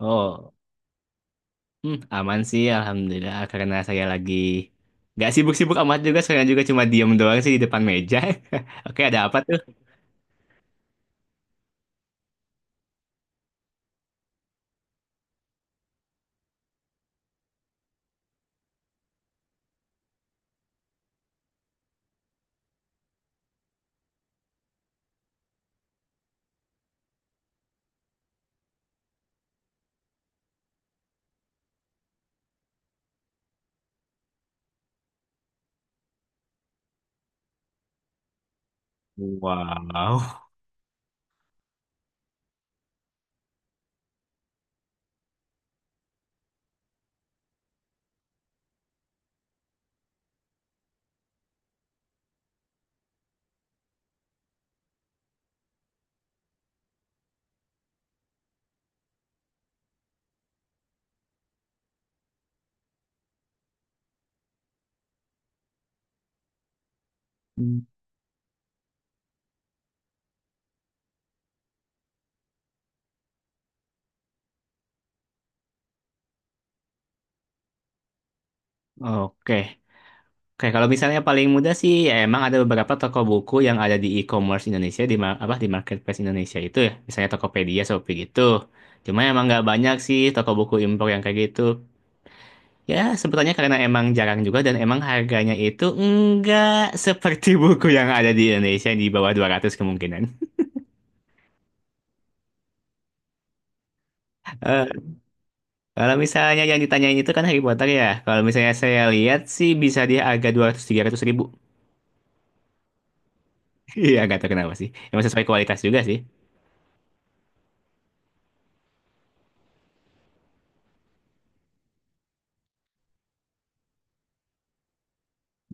Oh, aman sih, alhamdulillah. Karena saya lagi nggak sibuk-sibuk amat juga, sekarang juga cuma diem doang sih di depan meja. Oke, ada apa tuh? Wow. Hmm, Oke. Oke, kalau misalnya paling mudah sih, ya emang ada beberapa toko buku yang ada di e-commerce Indonesia, di ma- apa di marketplace Indonesia itu ya, misalnya Tokopedia, Shopee gitu. Cuma emang nggak banyak sih toko buku impor yang kayak gitu. Ya, sebetulnya karena emang jarang juga dan emang harganya itu enggak seperti buku yang ada di Indonesia di bawah 200 kemungkinan. Eh, Kalau misalnya yang ditanyain itu kan Harry Potter ya. Kalau misalnya saya lihat sih bisa dia harga 200-300 ribu. Iya, nggak tahu kenapa sih. Emang sesuai kualitas juga sih.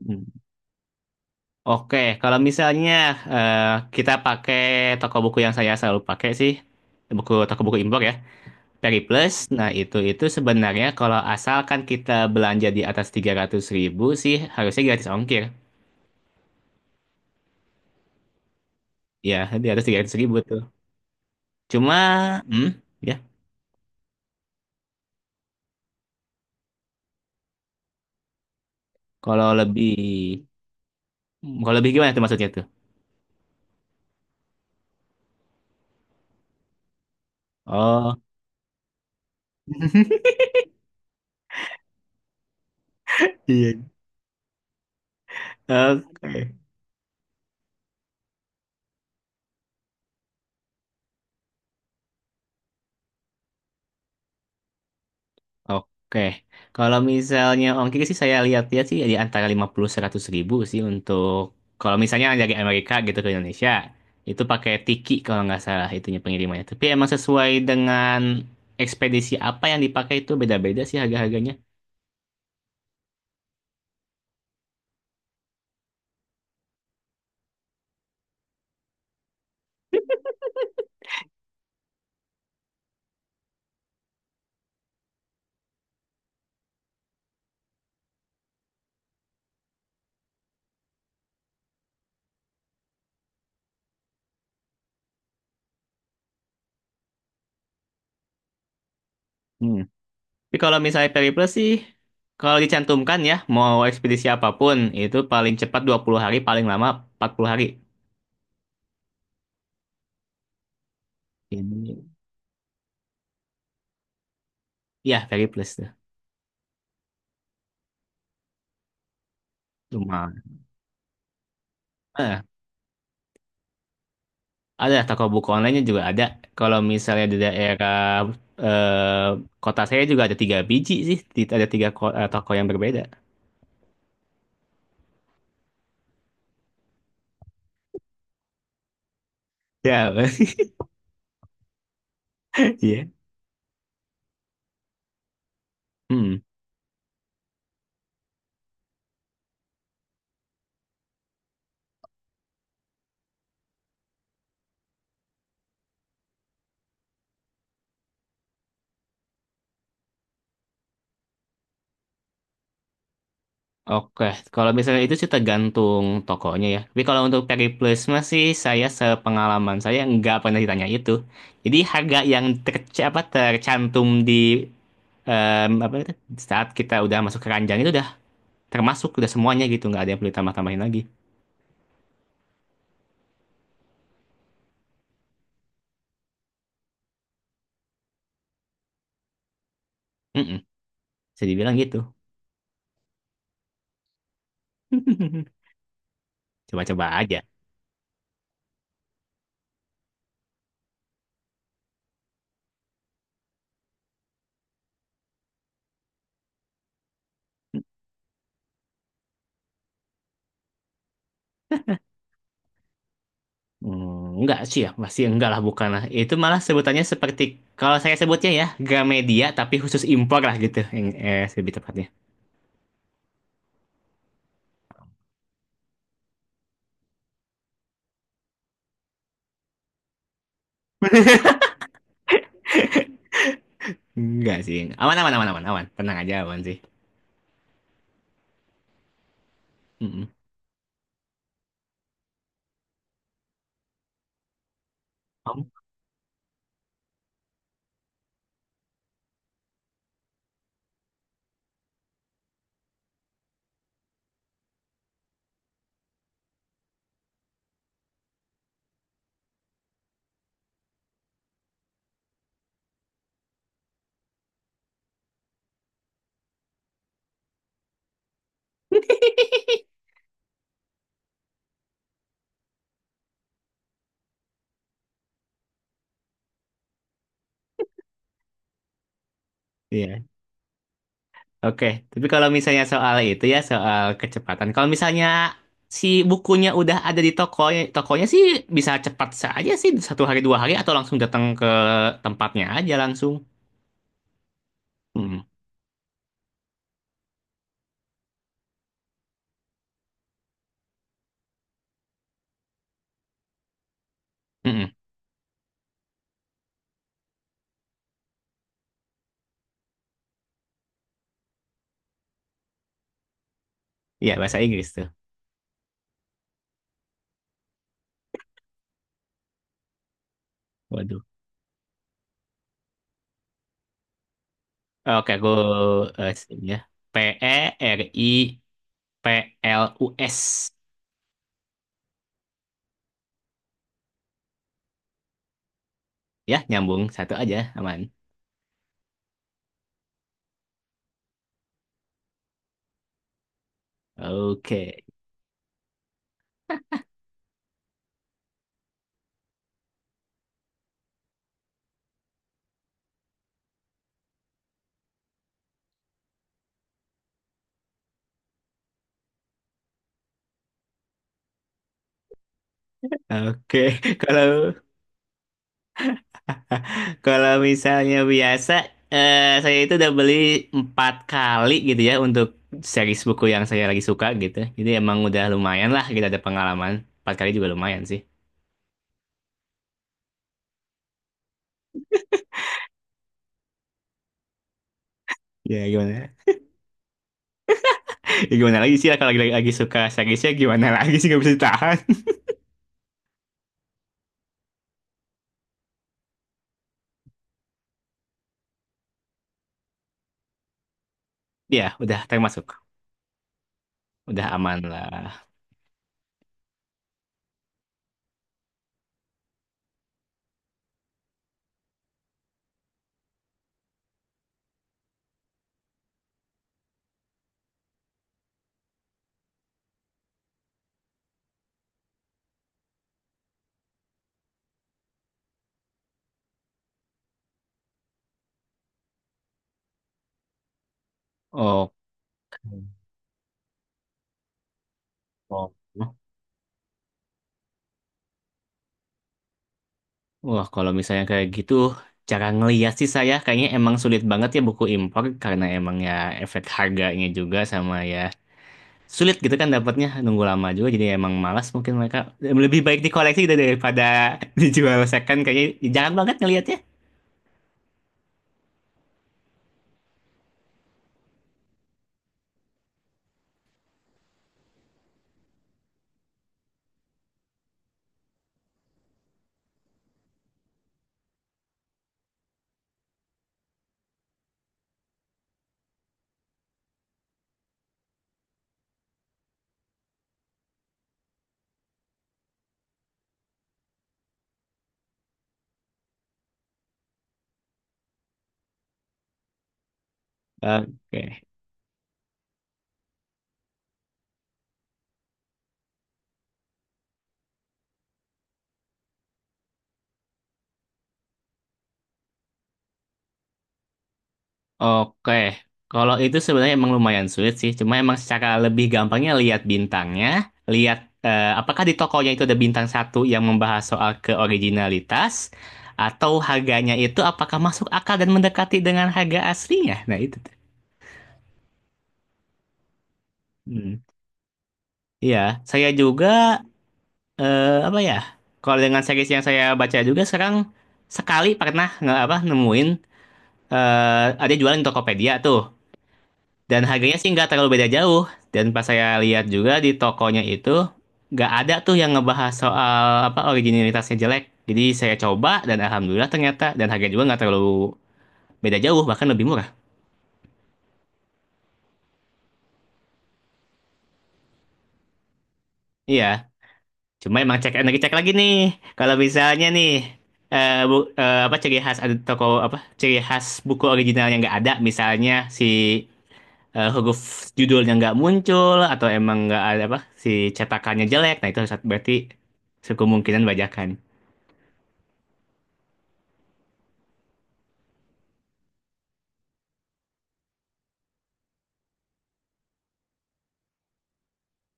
Hmm. Oke, kalau misalnya eh, kita pakai toko buku yang saya selalu pakai sih, toko buku impor ya. Periplus, nah itu sebenarnya kalau asalkan kita belanja di atas 300 ribu sih harusnya gratis ongkir. Ya, di atas 300 ribu tuh. Cuma, hmm, ya, kalau lebih, kalau lebih gimana tuh maksudnya tuh? Oh, Iya. Oke. Oke, kalau misalnya ongkir sih saya lihat-lihat sih ya di antara 50-100 ribu sih untuk kalau misalnya dari Amerika gitu ke Indonesia itu pakai Tiki kalau nggak salah itunya pengirimannya. Tapi emang sesuai dengan ekspedisi apa yang dipakai itu beda-beda sih harga-harganya. Hmm. Tapi kalau misalnya Periplus sih kalau dicantumkan ya mau ekspedisi apapun itu paling cepat 20 hari paling lama 40 hari. Ini ya Periplus tuh. Lumayan. Ada toko buku online-nya juga ada. Kalau misalnya di daerah eh, kota saya juga ada tiga biji sih. Ada tiga toko yang berbeda. Ya, iya. Hmm. Oke, kalau misalnya itu sih tergantung tokonya ya. Tapi kalau untuk Periplusma sih saya sepengalaman saya nggak pernah ditanya itu. Jadi harga yang tercantum di em, apa itu, saat kita udah masuk keranjang itu udah termasuk udah semuanya gitu nggak ada yang perlu ditambah-tambahin lagi. Mm-mm, bisa dibilang gitu. Coba-coba aja. Enggak sih ya, masih enggak lah, bukan lah. Itu malah sebutannya seperti, kalau saya sebutnya ya, Gramedia, tapi khusus impor lah gitu. Yang, lebih tepatnya. Enggak sih. Aman, aman, aman, aman, aman. Tenang aja, aman sih. Mm-mm. Om? Iya. Oke, tapi kalau misalnya soal itu ya, soal kecepatan. Kalau misalnya si bukunya udah ada di tokonya, tokonya sih bisa cepat saja sih, 1-2 hari, atau langsung datang ke tempatnya aja langsung. Mm-mm. Mm-mm. Iya, bahasa Inggris tuh. Waduh. Oke, aku sini ya. Periplus. Ya, nyambung satu aja, aman. Oke. Oke. Kalau misalnya biasa saya itu udah beli 4 kali gitu ya untuk series buku yang saya lagi suka gitu. Jadi emang udah lumayan lah kita ada pengalaman. 4 kali juga lumayan sih. Ya gimana? Ya, gimana lagi sih lah kalau lagi suka seriesnya gimana lagi sih nggak bisa ditahan. Ya, udah termasuk. Udah aman lah. Oh. Oh. Wah, kalau misalnya kayak gitu, cara ngeliat sih saya kayaknya emang sulit banget ya buku impor karena emang ya efek harganya juga sama ya sulit gitu kan dapatnya nunggu lama juga jadi emang malas mungkin mereka lebih baik dikoleksi gitu daripada dijual second kayaknya jarang banget ngeliatnya. Oke. Oke, kalau itu sebenarnya emang lumayan sulit sih. Cuma emang secara lebih gampangnya lihat bintangnya, lihat apakah di tokonya itu ada bintang satu yang membahas soal keoriginalitas, atau harganya itu apakah masuk akal dan mendekati dengan harga aslinya. Nah itu tuh. Hmm. Iya, saya juga apa ya? Kalau dengan series yang saya baca juga sekarang sekali pernah nggak apa nemuin ada jualan di Tokopedia tuh. Dan harganya sih nggak terlalu beda jauh. Dan pas saya lihat juga di tokonya itu nggak ada tuh yang ngebahas soal apa originalitasnya jelek. Jadi saya coba dan alhamdulillah ternyata dan harganya juga nggak terlalu beda jauh bahkan lebih murah. Iya. Cuma emang cek lagi nih. Kalau misalnya nih apa ciri khas ada toko apa ciri khas buku originalnya nggak ada misalnya si huruf judulnya nggak muncul atau emang nggak ada apa si cetakannya jelek. Nah itu berarti kemungkinan bajakan.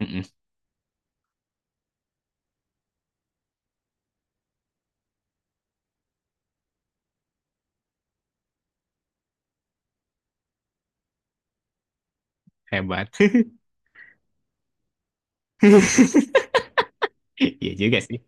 Mm-mm, hebat. Iya juga sih.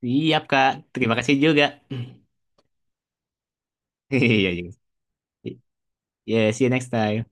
Siap, Kak. Terima kasih juga. Iya juga. Yeah, see you next time.